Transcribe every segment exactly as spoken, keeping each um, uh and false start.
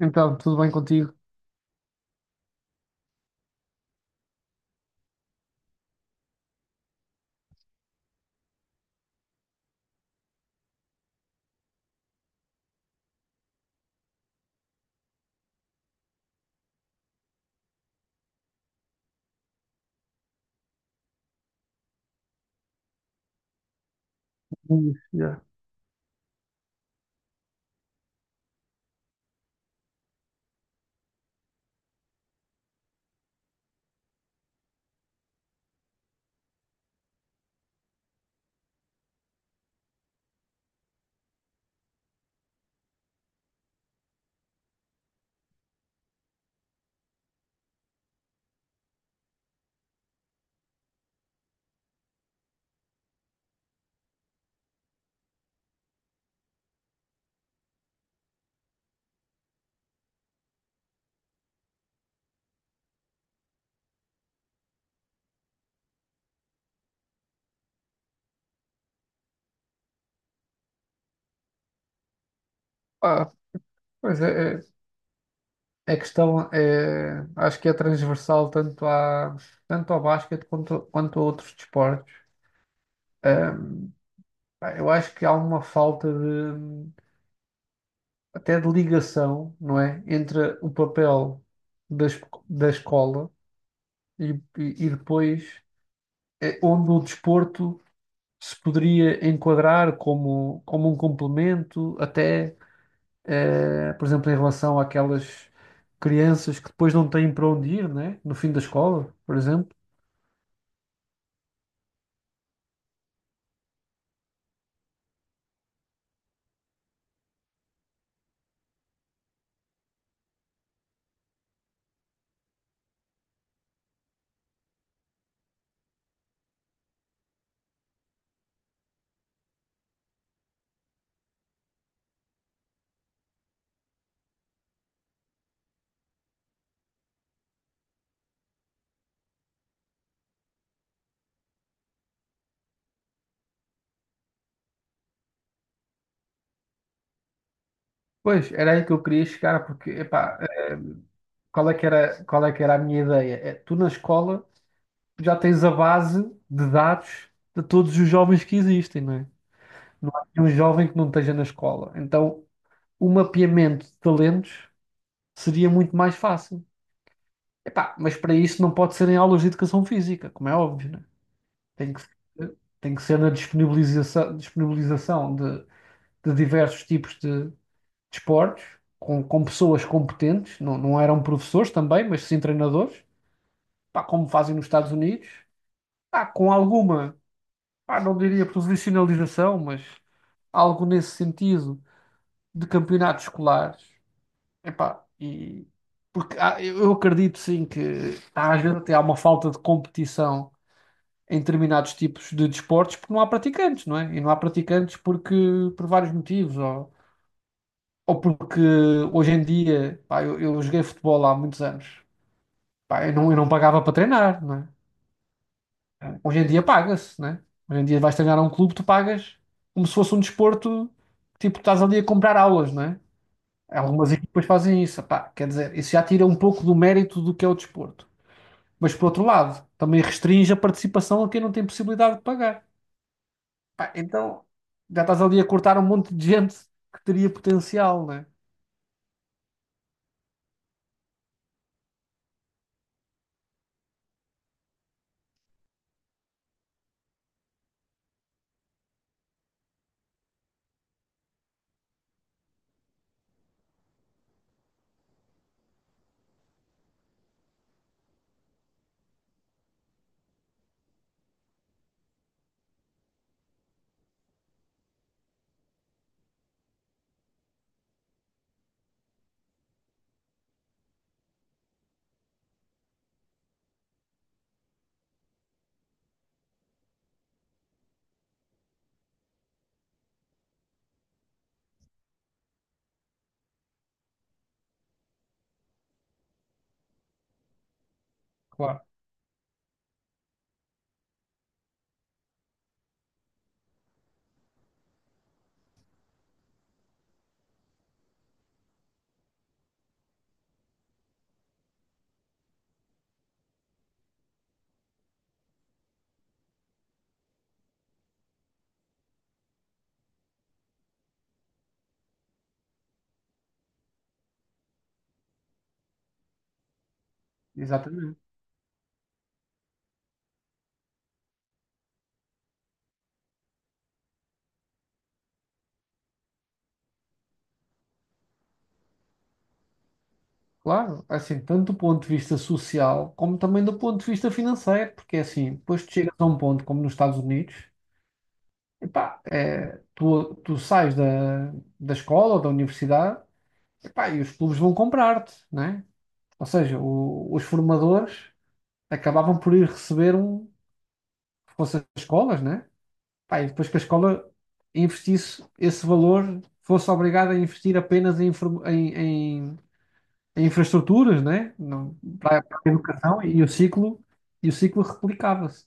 Então, tudo bem contigo? Hum, yeah. Ah, Pois é, é- a questão é, acho que é transversal tanto, à, tanto ao basquete quanto, quanto a outros desportos. Ahm, Pá, eu acho que há uma falta de, até de ligação, não é? Entre o papel da, es- da escola e, e, e depois é, onde o desporto se poderia enquadrar como, como um complemento, até. Eh, por exemplo, em relação àquelas crianças que depois não têm para onde ir, né? No fim da escola, por exemplo. Pois, era aí que eu queria chegar, porque, epá, eh, qual é que era, qual é que era a minha ideia? É, tu na escola já tens a base de dados de todos os jovens que existem, não é? Não há nenhum jovem que não esteja na escola. Então, o mapeamento de talentos seria muito mais fácil. Epá, mas para isso não pode ser em aulas de educação física, como é óbvio, né? Tem que, ser- tem que ser na disponibilização, disponibilização de, de diversos tipos de, de esportes, com, com pessoas competentes, não, não eram professores também, mas sim treinadores, pá, como fazem nos Estados Unidos, pá, com alguma, pá, não diria profissionalização, mas algo nesse sentido de campeonatos escolares. Epá, e porque há- eu eu acredito sim que há, às vezes até há uma falta de competição em determinados tipos de desportos porque não há praticantes, não é? E não há praticantes porque por vários motivos, ou, ou porque hoje em dia, pá, eu, eu joguei futebol há muitos anos, pá, eu não, eu não pagava para treinar, não é? Hoje em dia paga-se, não é? Hoje em dia vais treinar a um clube, tu pagas como se fosse um desporto, tipo, estás ali a comprar aulas, não é? Algumas equipas fazem isso, pá, quer dizer, isso já tira um pouco do mérito do que é o desporto. Mas por outro lado, também restringe a participação a quem não tem possibilidade de pagar. Pá, então já estás ali a cortar um monte de gente que teria potencial, né? Claro. Exatamente. Claro, assim, tanto do ponto de vista social como também do ponto de vista financeiro, porque assim, depois tu chegas a um ponto como nos Estados Unidos, epá, é, tu, tu sais da, da escola ou da universidade, epá, e os clubes vão comprar-te, né? Ou seja, o- os formadores acabavam por ir receber um, se fosse as escolas, né? Pá, e depois que a escola investisse esse valor, fosse obrigada a investir apenas em, inform- em- em- em infraestruturas, né? Não- para, para a educação e o ciclo, e o ciclo replicava-se.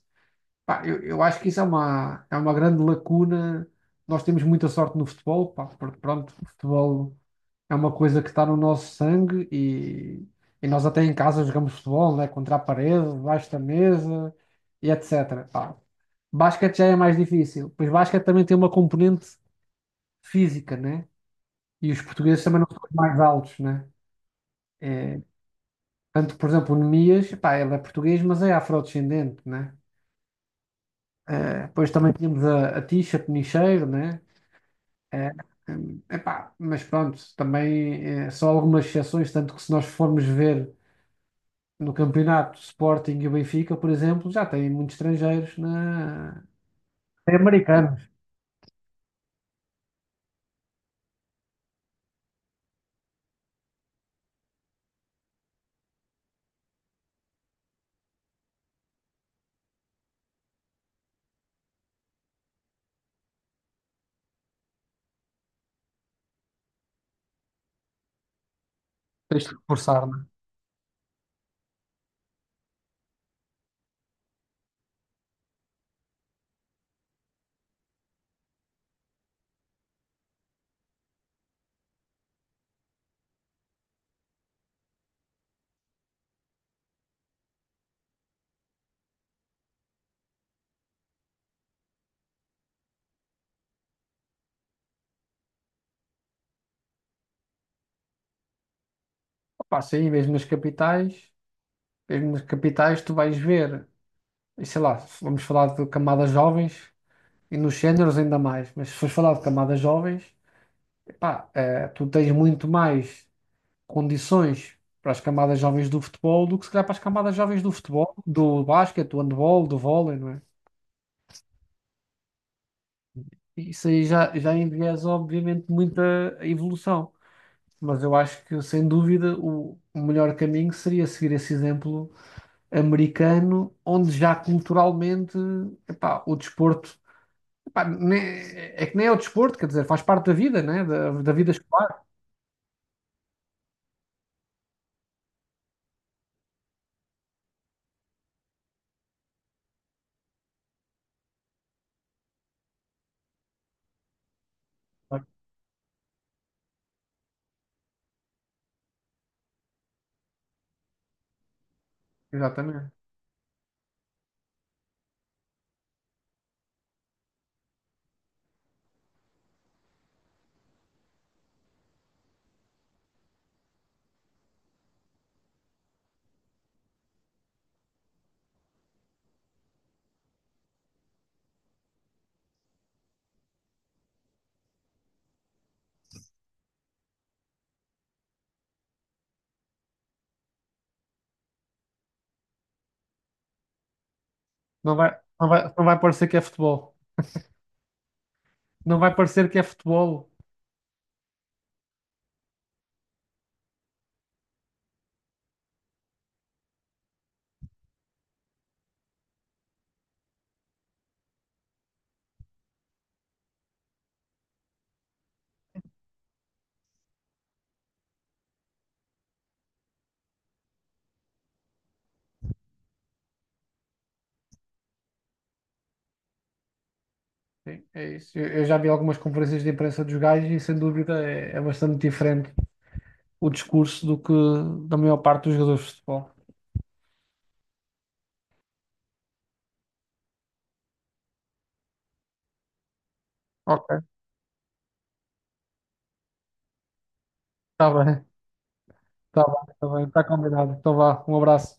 Pá, eu, eu acho que isso é uma, é uma grande lacuna. Nós temos muita sorte no futebol, pá, porque pronto, o futebol é uma coisa que está no nosso sangue e, e nós até em casa jogamos futebol, né? Contra a parede, debaixo da mesa e etcétera. Pá, basquete já é mais difícil. Pois basquete também tem uma componente física, né? E os portugueses também não são os mais altos, né? É, tanto, por exemplo, o Nemias, pá, ele é português, mas é afrodescendente, né? É, depois também tínhamos a, a Tisha Penicheiro, né? É, hum, epá, mas pronto, também é, só algumas exceções, tanto que se nós formos ver no campeonato Sporting e Benfica, por exemplo, já tem muitos estrangeiros na... Tem americanos, tens de reforçar, né? Opa, sim, mesmo nas capitais. Mesmo nas capitais, tu vais ver, e sei lá, vamos falar de camadas jovens e nos séniores ainda mais, mas se fores falar de camadas jovens, epá, eh, tu tens muito mais condições para as camadas jovens do futebol do que se calhar para as camadas jovens do futebol, do basquete, do handball, do vôlei, não é? E isso aí já, já enviesa, obviamente, muita evolução. Mas eu acho que, sem dúvida, o o melhor caminho seria seguir esse exemplo americano, onde já culturalmente, epá, o desporto pá, ne- é que nem é o desporto, quer dizer, faz parte da vida, né? Da, da vida escolar. Claro. Exatamente. Não vai, não vai, não vai parecer que é futebol. Não vai parecer que é futebol. Sim, é isso. Eu, eu já vi algumas conferências de imprensa dos gajos e, sem dúvida, é, é bastante diferente o discurso do que da maior parte dos jogadores de futebol. Ok, está bem, está bem, está bem, está combinado. Então vá, um abraço.